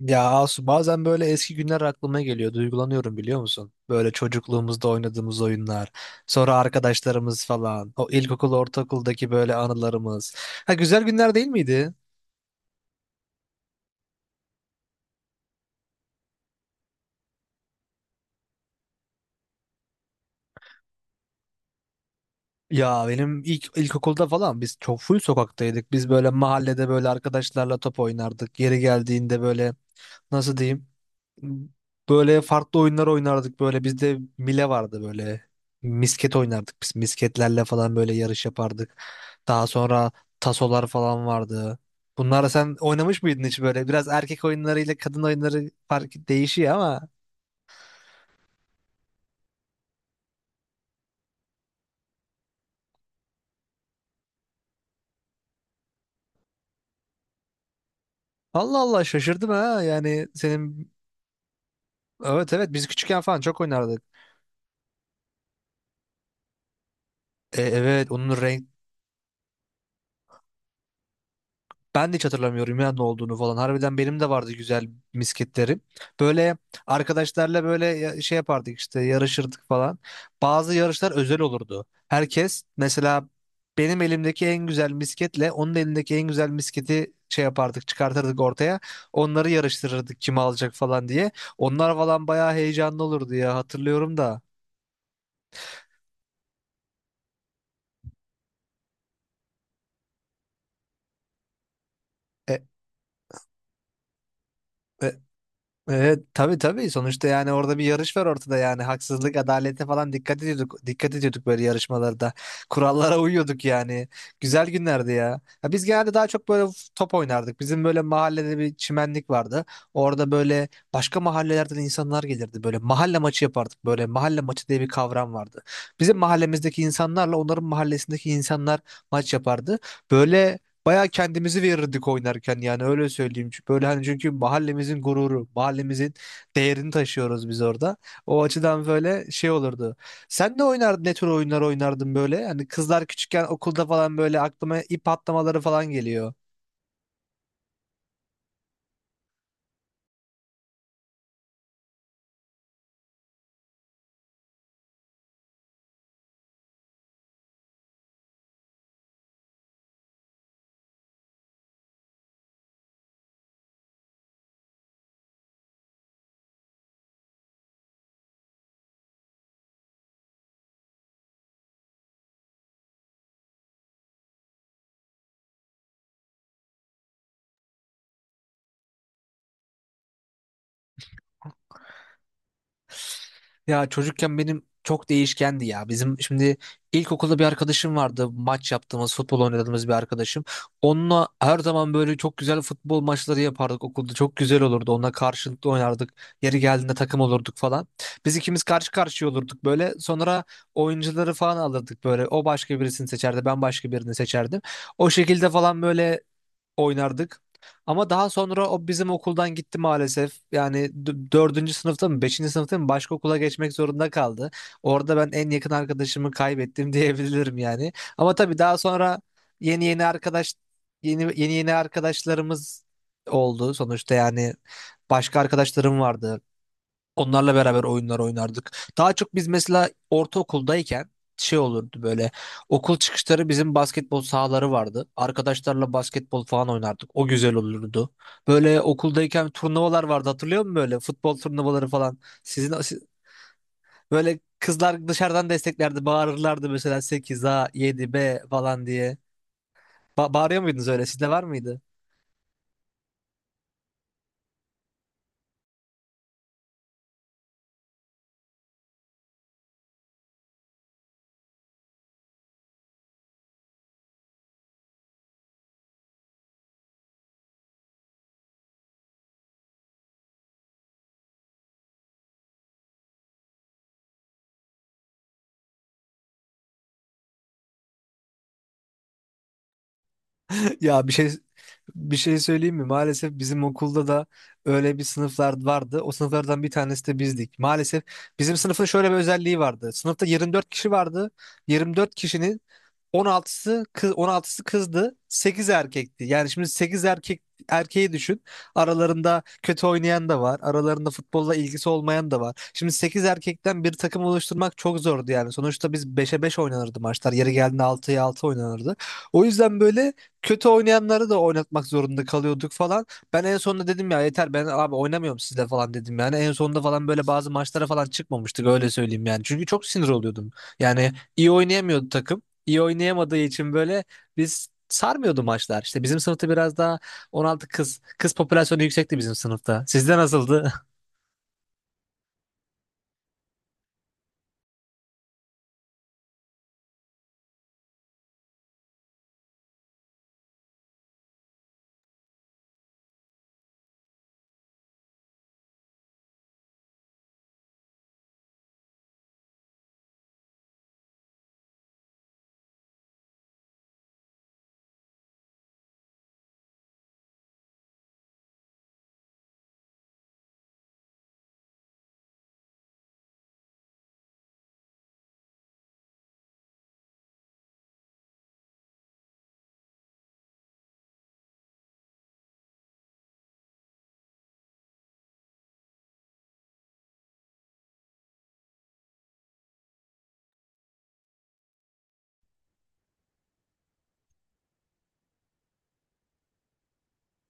Ya Asu, bazen böyle eski günler aklıma geliyor. Duygulanıyorum, biliyor musun? Böyle çocukluğumuzda oynadığımız oyunlar. Sonra arkadaşlarımız falan. O ilkokul, ortaokuldaki böyle anılarımız. Ha, güzel günler değil miydi? Ya benim ilkokulda falan biz çok full sokaktaydık. Biz böyle mahallede böyle arkadaşlarla top oynardık. Yeri geldiğinde böyle nasıl diyeyim? Böyle farklı oyunlar oynardık böyle. Bizde mile vardı böyle. Misket oynardık biz. Misketlerle falan böyle yarış yapardık. Daha sonra tasolar falan vardı. Bunları sen oynamış mıydın hiç böyle? Biraz erkek oyunları ile kadın oyunları fark değişiyor ama. Allah Allah, şaşırdım ha. Yani senin. Evet evet, biz küçükken falan çok oynardık. Evet onun renk. Ben de hiç hatırlamıyorum ya ne olduğunu falan. Harbiden benim de vardı güzel misketlerim. Böyle arkadaşlarla böyle şey yapardık, işte yarışırdık falan. Bazı yarışlar özel olurdu. Herkes mesela benim elimdeki en güzel misketle onun elindeki en güzel misketi şey yapardık, çıkartırdık ortaya. Onları yarıştırırdık kim alacak falan diye. Onlar falan bayağı heyecanlı olurdu ya, hatırlıyorum da. E, Evet tabii tabii, sonuçta yani orada bir yarış var ortada, yani haksızlık, adalete falan dikkat ediyorduk, dikkat ediyorduk böyle yarışmalarda, kurallara uyuyorduk yani. Güzel günlerdi ya. Ya biz genelde daha çok böyle top oynardık, bizim böyle mahallede bir çimenlik vardı orada. Böyle başka mahallelerden insanlar gelirdi, böyle mahalle maçı yapardık, böyle mahalle maçı diye bir kavram vardı. Bizim mahallemizdeki insanlarla onların mahallesindeki insanlar maç yapardı böyle. Bayağı kendimizi verirdik oynarken, yani öyle söyleyeyim. Çünkü böyle hani, çünkü mahallemizin gururu, mahallemizin değerini taşıyoruz biz orada. O açıdan böyle şey olurdu. Sen de oynardın, ne tür oyunlar oynardın böyle? Hani kızlar küçükken okulda falan böyle aklıma ip atlamaları falan geliyor. Ya çocukken benim çok değişkendi ya. Bizim şimdi ilkokulda bir arkadaşım vardı. Maç yaptığımız, futbol oynadığımız bir arkadaşım. Onunla her zaman böyle çok güzel futbol maçları yapardık okulda. Çok güzel olurdu. Onunla karşılıklı oynardık. Yeri geldiğinde takım olurduk falan. Biz ikimiz karşı karşıya olurduk böyle. Sonra oyuncuları falan alırdık böyle. O başka birisini seçerdi, ben başka birini seçerdim. O şekilde falan böyle oynardık. Ama daha sonra o bizim okuldan gitti maalesef. Yani dördüncü sınıfta mı, beşinci sınıfta mı başka okula geçmek zorunda kaldı. Orada ben en yakın arkadaşımı kaybettim diyebilirim yani. Ama tabii daha sonra yeni yeni arkadaş, yeni yeni arkadaşlarımız oldu sonuçta yani. Başka arkadaşlarım vardı. Onlarla beraber oyunlar oynardık. Daha çok biz mesela ortaokuldayken şey olurdu böyle. Okul çıkışları bizim basketbol sahaları vardı. Arkadaşlarla basketbol falan oynardık. O güzel olurdu. Böyle okuldayken turnuvalar vardı, hatırlıyor musun böyle? Futbol turnuvaları falan. Sizin böyle kızlar dışarıdan desteklerdi. Bağırırlardı mesela 8A, 7B falan diye. Bağırıyor muydunuz öyle? Sizde var mıydı? Ya bir şey Bir şey söyleyeyim mi? Maalesef bizim okulda da öyle bir sınıflar vardı. O sınıflardan bir tanesi de bizdik. Maalesef bizim sınıfın şöyle bir özelliği vardı. Sınıfta 24 kişi vardı. 24 kişinin 16'sı kız, 16'sı kızdı. 8 erkekti. Yani şimdi 8 erkek, erkeği düşün. Aralarında kötü oynayan da var. Aralarında futbolla ilgisi olmayan da var. Şimdi 8 erkekten bir takım oluşturmak çok zordu yani. Sonuçta biz beşe 5 oynanırdı maçlar. Yeri geldiğinde altıya 6 oynanırdı. O yüzden böyle kötü oynayanları da oynatmak zorunda kalıyorduk falan. Ben en sonunda dedim ya, yeter ben abi oynamıyorum sizle falan, dedim yani. En sonunda falan böyle bazı maçlara falan çıkmamıştık, öyle söyleyeyim yani. Çünkü çok sinir oluyordum. Yani iyi oynayamıyordu takım, iyi oynayamadığı için böyle biz sarmıyordu maçlar. İşte bizim sınıfta biraz daha 16 kız, kız popülasyonu yüksekti bizim sınıfta. Sizde nasıldı?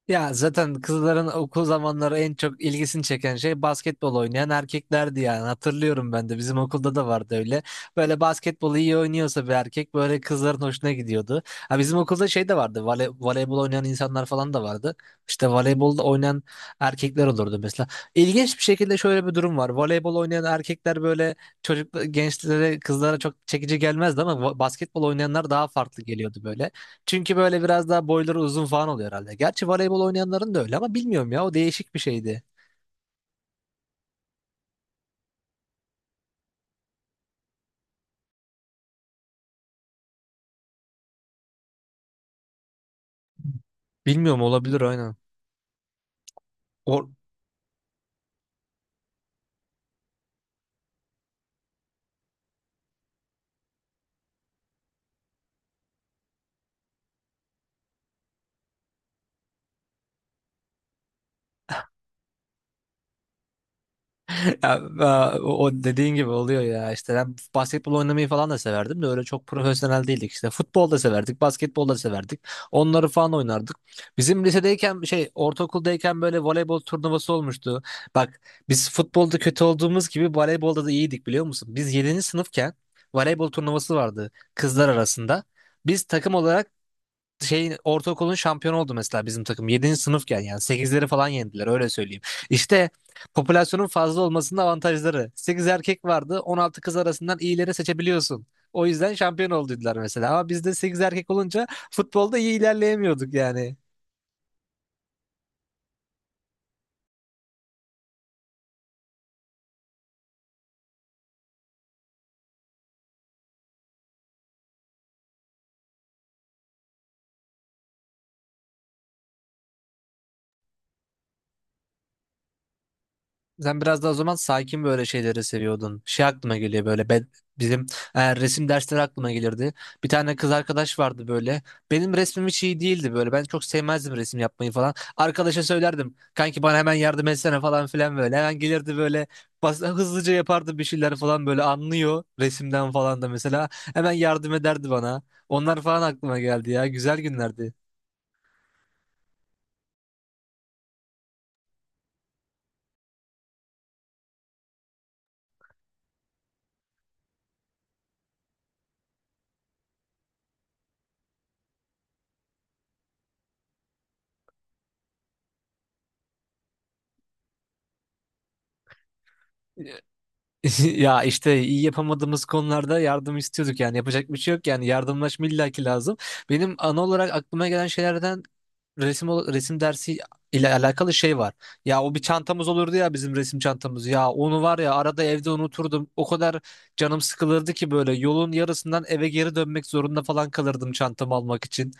Ya zaten kızların okul zamanları en çok ilgisini çeken şey basketbol oynayan erkeklerdi yani. Hatırlıyorum, ben de bizim okulda da vardı öyle. Böyle basketbolu iyi oynuyorsa bir erkek, böyle kızların hoşuna gidiyordu. Ha, bizim okulda şey de vardı. Voleybol oynayan insanlar falan da vardı. İşte voleybolda oynayan erkekler olurdu mesela. İlginç bir şekilde şöyle bir durum var. Voleybol oynayan erkekler böyle çocuk gençlere, kızlara çok çekici gelmezdi ama basketbol oynayanlar daha farklı geliyordu böyle. Çünkü böyle biraz daha boyları uzun falan oluyor herhalde. Gerçi voleybol oynayanların da öyle ama bilmiyorum ya, o değişik bir şeydi. Bilmiyorum, olabilir, aynen. O, Ya, o dediğin gibi oluyor ya. İşte ben basketbol oynamayı falan da severdim de öyle çok profesyonel değildik. İşte futbol da severdik, basketbol da severdik, onları falan oynardık. Bizim lisedeyken şey, ortaokuldayken böyle voleybol turnuvası olmuştu. Bak, biz futbolda kötü olduğumuz gibi voleybolda da iyiydik, biliyor musun? Biz yedinci sınıfken voleybol turnuvası vardı kızlar arasında. Biz takım olarak şeyin, ortaokulun şampiyonu oldu mesela bizim takım. 7. sınıfken yani sekizleri falan yendiler, öyle söyleyeyim. İşte popülasyonun fazla olmasının avantajları. 8 erkek vardı, 16 kız arasından iyileri seçebiliyorsun. O yüzden şampiyon oldular mesela. Ama bizde 8 erkek olunca futbolda iyi ilerleyemiyorduk yani. Sen biraz daha o zaman sakin böyle şeyleri seviyordun. Şey aklıma geliyor böyle, bizim resim dersleri aklıma gelirdi. Bir tane kız arkadaş vardı böyle. Benim resmim hiç iyi değildi böyle. Ben çok sevmezdim resim yapmayı falan. Arkadaşa söylerdim, kanki bana hemen yardım etsene falan filan böyle. Hemen gelirdi böyle, hızlıca yapardı bir şeyler falan böyle, anlıyor resimden falan da mesela. Hemen yardım ederdi bana. Onlar falan aklıma geldi ya. Güzel günlerdi. Ya, işte iyi yapamadığımız konularda yardım istiyorduk yani, yapacak bir şey yok yani, yardımlaşma illaki lazım. Benim ana olarak aklıma gelen şeylerden resim resim dersi ile alakalı şey var. Ya, o bir çantamız olurdu ya, bizim resim çantamız. Ya onu var ya, arada evde unuturdum. O kadar canım sıkılırdı ki böyle, yolun yarısından eve geri dönmek zorunda falan kalırdım çantamı almak için.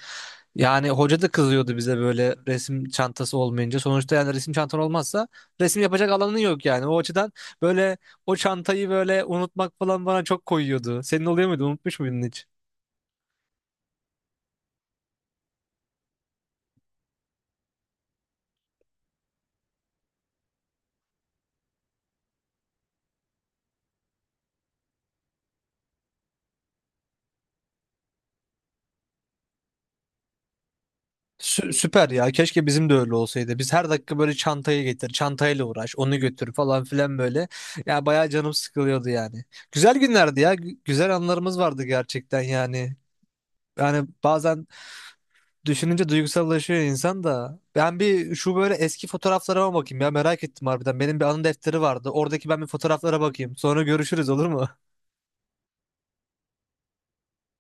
Yani hoca da kızıyordu bize böyle resim çantası olmayınca. Sonuçta yani resim çantan olmazsa resim yapacak alanın yok yani. O açıdan böyle o çantayı böyle unutmak falan bana çok koyuyordu. Senin oluyor muydu? Unutmuş muydun hiç? Süper ya. Keşke bizim de öyle olsaydı. Biz her dakika böyle çantayı getir, çantayla uğraş, onu götür falan filan böyle. Ya bayağı canım sıkılıyordu yani. Güzel günlerdi ya. Güzel anlarımız vardı gerçekten yani. Yani bazen düşününce duygusallaşıyor insan da. Ben bir şu böyle eski fotoğraflarıma bakayım ya, merak ettim harbiden. Benim bir anı defteri vardı. Oradaki ben bir fotoğraflara bakayım. Sonra görüşürüz, olur mu?